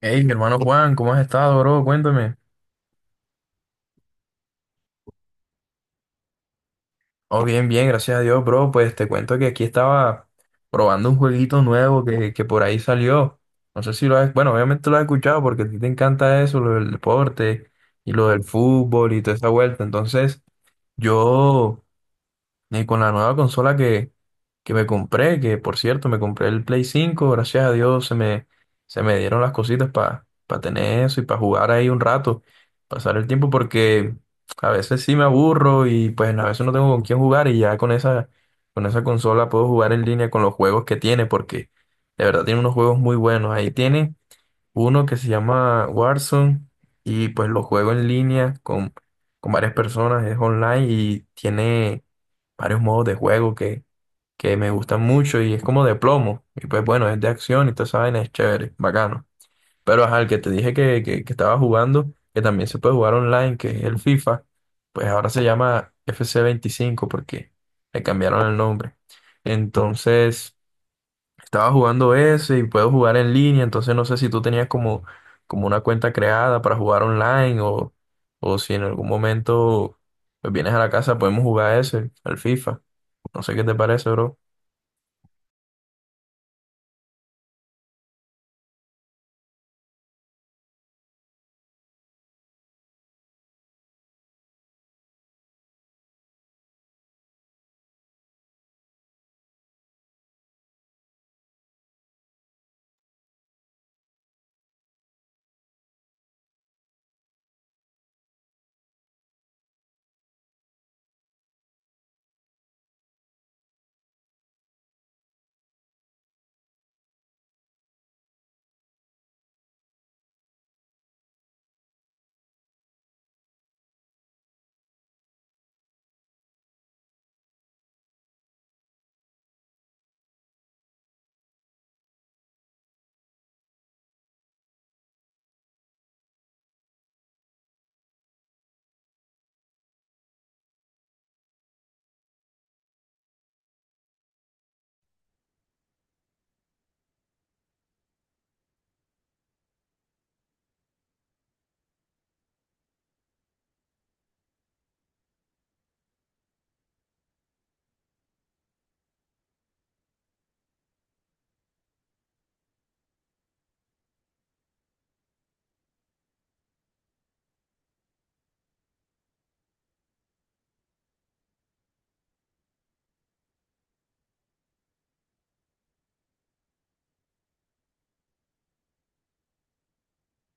Hey, mi hermano Juan, ¿cómo has estado, bro? Cuéntame. Oh, bien, bien, gracias a Dios, bro. Pues te cuento que aquí estaba probando un jueguito nuevo que por ahí salió. No sé si lo has, bueno, obviamente lo has escuchado porque a ti te encanta eso, lo del deporte y lo del fútbol y toda esa vuelta. Entonces, yo y con la nueva consola que me compré, que por cierto me compré el Play 5, gracias a Dios se me dieron las cositas para tener eso y para jugar ahí un rato, pasar el tiempo, porque a veces sí me aburro y pues a veces no tengo con quién jugar, y ya con esa consola puedo jugar en línea con los juegos que tiene, porque de verdad tiene unos juegos muy buenos. Ahí tiene uno que se llama Warzone y pues lo juego en línea con varias personas, es online y tiene varios modos de juego que me gustan mucho, y es como de plomo y pues bueno, es de acción y toda esa vaina es chévere, bacano. Pero ajá, el que te dije que estaba jugando, que también se puede jugar online, que es el FIFA, pues ahora se llama FC 25 porque le cambiaron el nombre. Entonces... Estaba jugando ese y puedo jugar en línea, entonces no sé si tú tenías como una cuenta creada para jugar online o si en algún momento, pues, vienes a la casa, podemos jugar ese, al FIFA. No sé qué te parece, bro.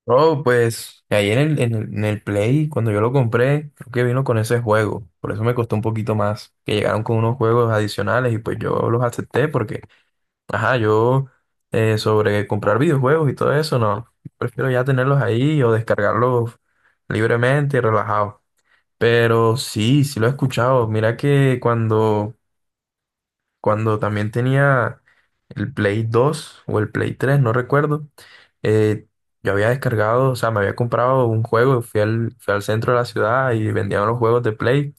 Bro, pues ahí en el Play, cuando yo lo compré, creo que vino con ese juego, por eso me costó un poquito más, que llegaron con unos juegos adicionales y pues yo los acepté porque ajá, yo sobre comprar videojuegos y todo eso, no. Prefiero ya tenerlos ahí o descargarlos libremente y relajados. Pero sí, sí lo he escuchado. Mira que cuando también tenía el Play 2 o el Play 3, no recuerdo, eh, yo había descargado, o sea, me había comprado un juego, fui al centro de la ciudad y vendían los juegos de Play.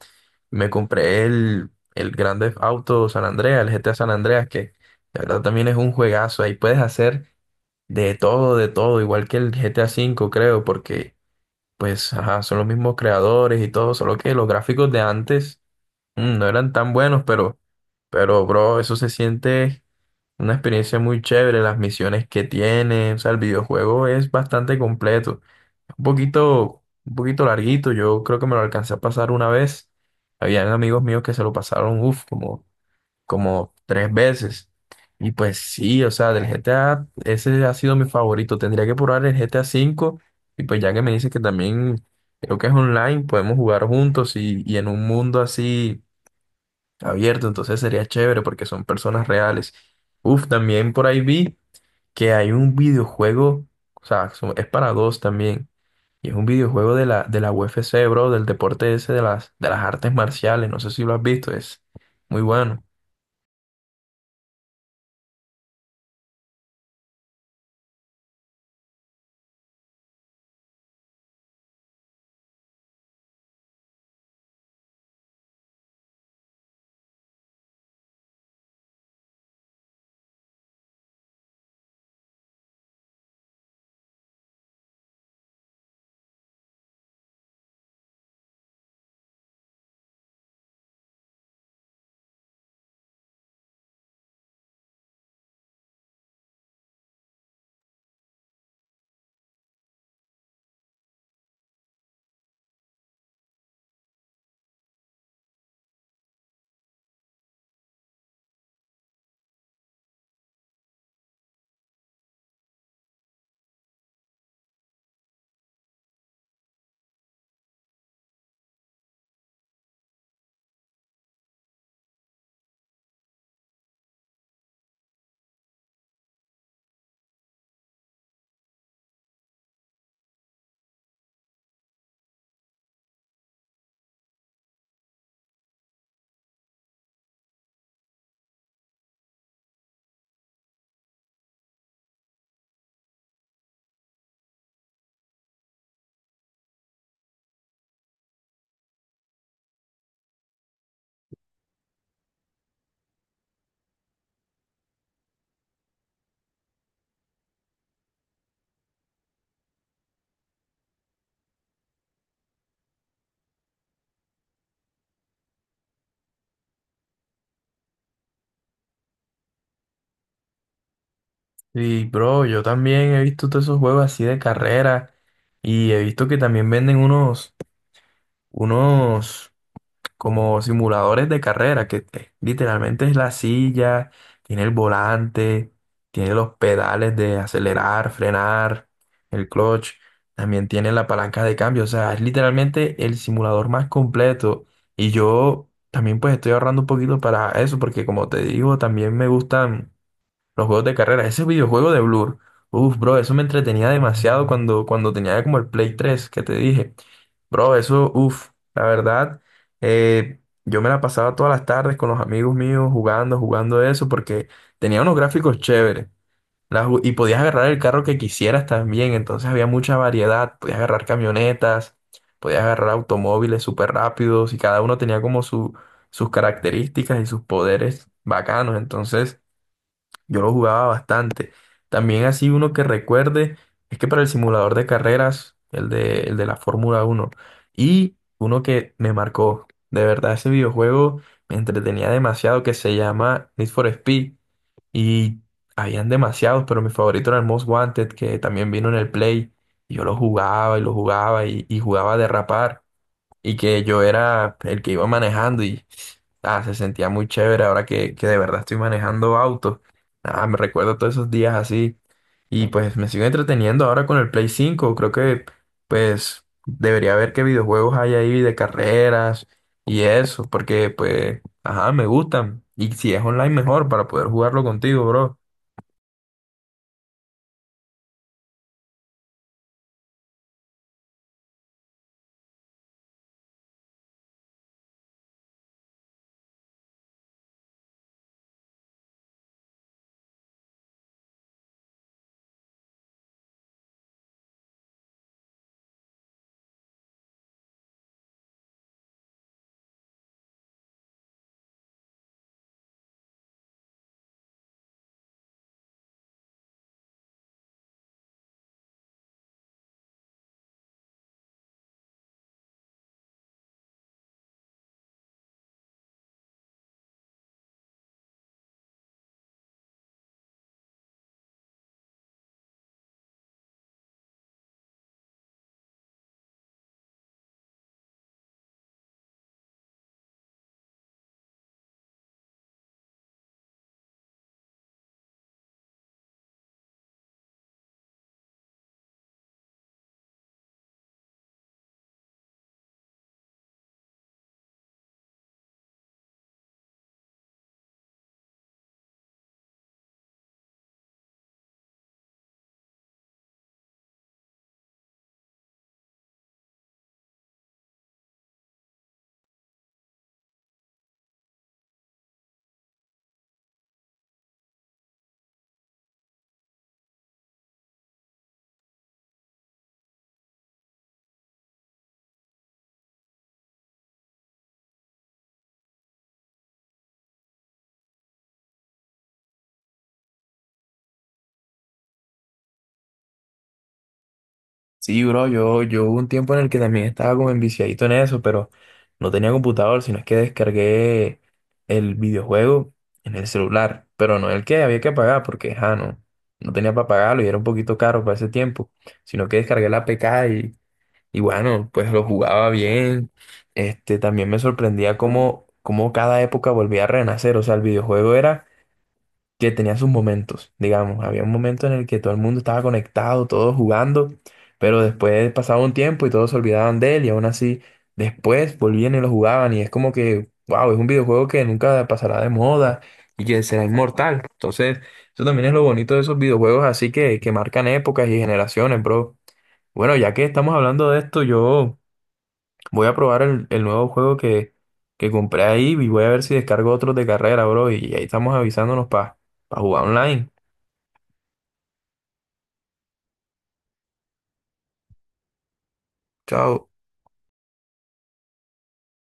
Me compré el Grand Theft Auto San Andreas, el GTA San Andreas, que la verdad también es un juegazo. Ahí puedes hacer de todo, igual que el GTA 5, creo, porque pues ajá, son los mismos creadores y todo, solo que los gráficos de antes no eran tan buenos, pero, bro, eso se siente una experiencia muy chévere, las misiones que tiene, o sea, el videojuego es bastante completo, un poquito larguito, yo creo que me lo alcancé a pasar una vez, habían amigos míos que se lo pasaron, uff, como tres veces, y pues sí, o sea, del GTA, ese ha sido mi favorito, tendría que probar el GTA 5 y pues ya que me dices que también creo que es online, podemos jugar juntos y en un mundo así abierto, entonces sería chévere porque son personas reales. Uf, también por ahí vi que hay un videojuego, o sea, es para dos también, y es un videojuego de la UFC, bro, del deporte ese de las artes marciales, no sé si lo has visto, es muy bueno. Y, bro, yo también he visto todos esos juegos así de carrera, y he visto que también venden unos como simuladores de carrera, que literalmente es la silla, tiene el volante, tiene los pedales de acelerar, frenar, el clutch, también tiene la palanca de cambio, o sea, es literalmente el simulador más completo. Y yo también pues estoy ahorrando un poquito para eso, porque como te digo, también me gustan los juegos de carreras, ese videojuego de Blur. Uf, bro, eso me entretenía demasiado cuando tenía como el Play 3 que te dije. Bro, eso, uff, la verdad, yo me la pasaba todas las tardes con los amigos míos jugando, jugando eso, porque tenía unos gráficos chéveres. Y podías agarrar el carro que quisieras también, entonces había mucha variedad. Podías agarrar camionetas, podías agarrar automóviles súper rápidos y cada uno tenía como sus características y sus poderes bacanos. Entonces, yo lo jugaba bastante. También así uno que recuerde, es que para el simulador de carreras, el de la Fórmula Uno, y uno que me marcó, de verdad ese videojuego me entretenía demasiado, que se llama Need for Speed, y habían demasiados, pero mi favorito era el Most Wanted, que también vino en el Play, y yo lo jugaba y lo jugaba y jugaba a derrapar, y que yo era el que iba manejando. Ah, se sentía muy chévere ahora que de verdad estoy manejando autos. Ah, me recuerdo todos esos días así. Y pues me sigo entreteniendo ahora con el Play 5. Creo que pues debería ver qué videojuegos hay ahí de carreras y eso, porque pues, ajá, me gustan. Y si es online, mejor para poder jugarlo contigo, bro. Sí, bro, yo hubo un tiempo en el que también estaba como enviciadito en eso, pero no tenía computador, sino es que descargué el videojuego en el celular, pero no el que había que pagar, porque ja, no, no tenía para pagarlo y era un poquito caro para ese tiempo, sino que descargué la APK y bueno, pues lo jugaba bien. Este, también me sorprendía cómo cada época volvía a renacer, o sea, el videojuego era que tenía sus momentos, digamos. Había un momento en el que todo el mundo estaba conectado, todos jugando, pero después pasaba un tiempo y todos se olvidaban de él, y aún así después volvían y lo jugaban, y es como que, wow, es un videojuego que nunca pasará de moda y que será inmortal. Entonces, eso también es lo bonito de esos videojuegos así que marcan épocas y generaciones, bro. Bueno, ya que estamos hablando de esto, yo... Voy a probar el nuevo juego que compré ahí y voy a ver si descargo otros de carrera, bro. Y ahí estamos avisándonos para jugar online. Chao.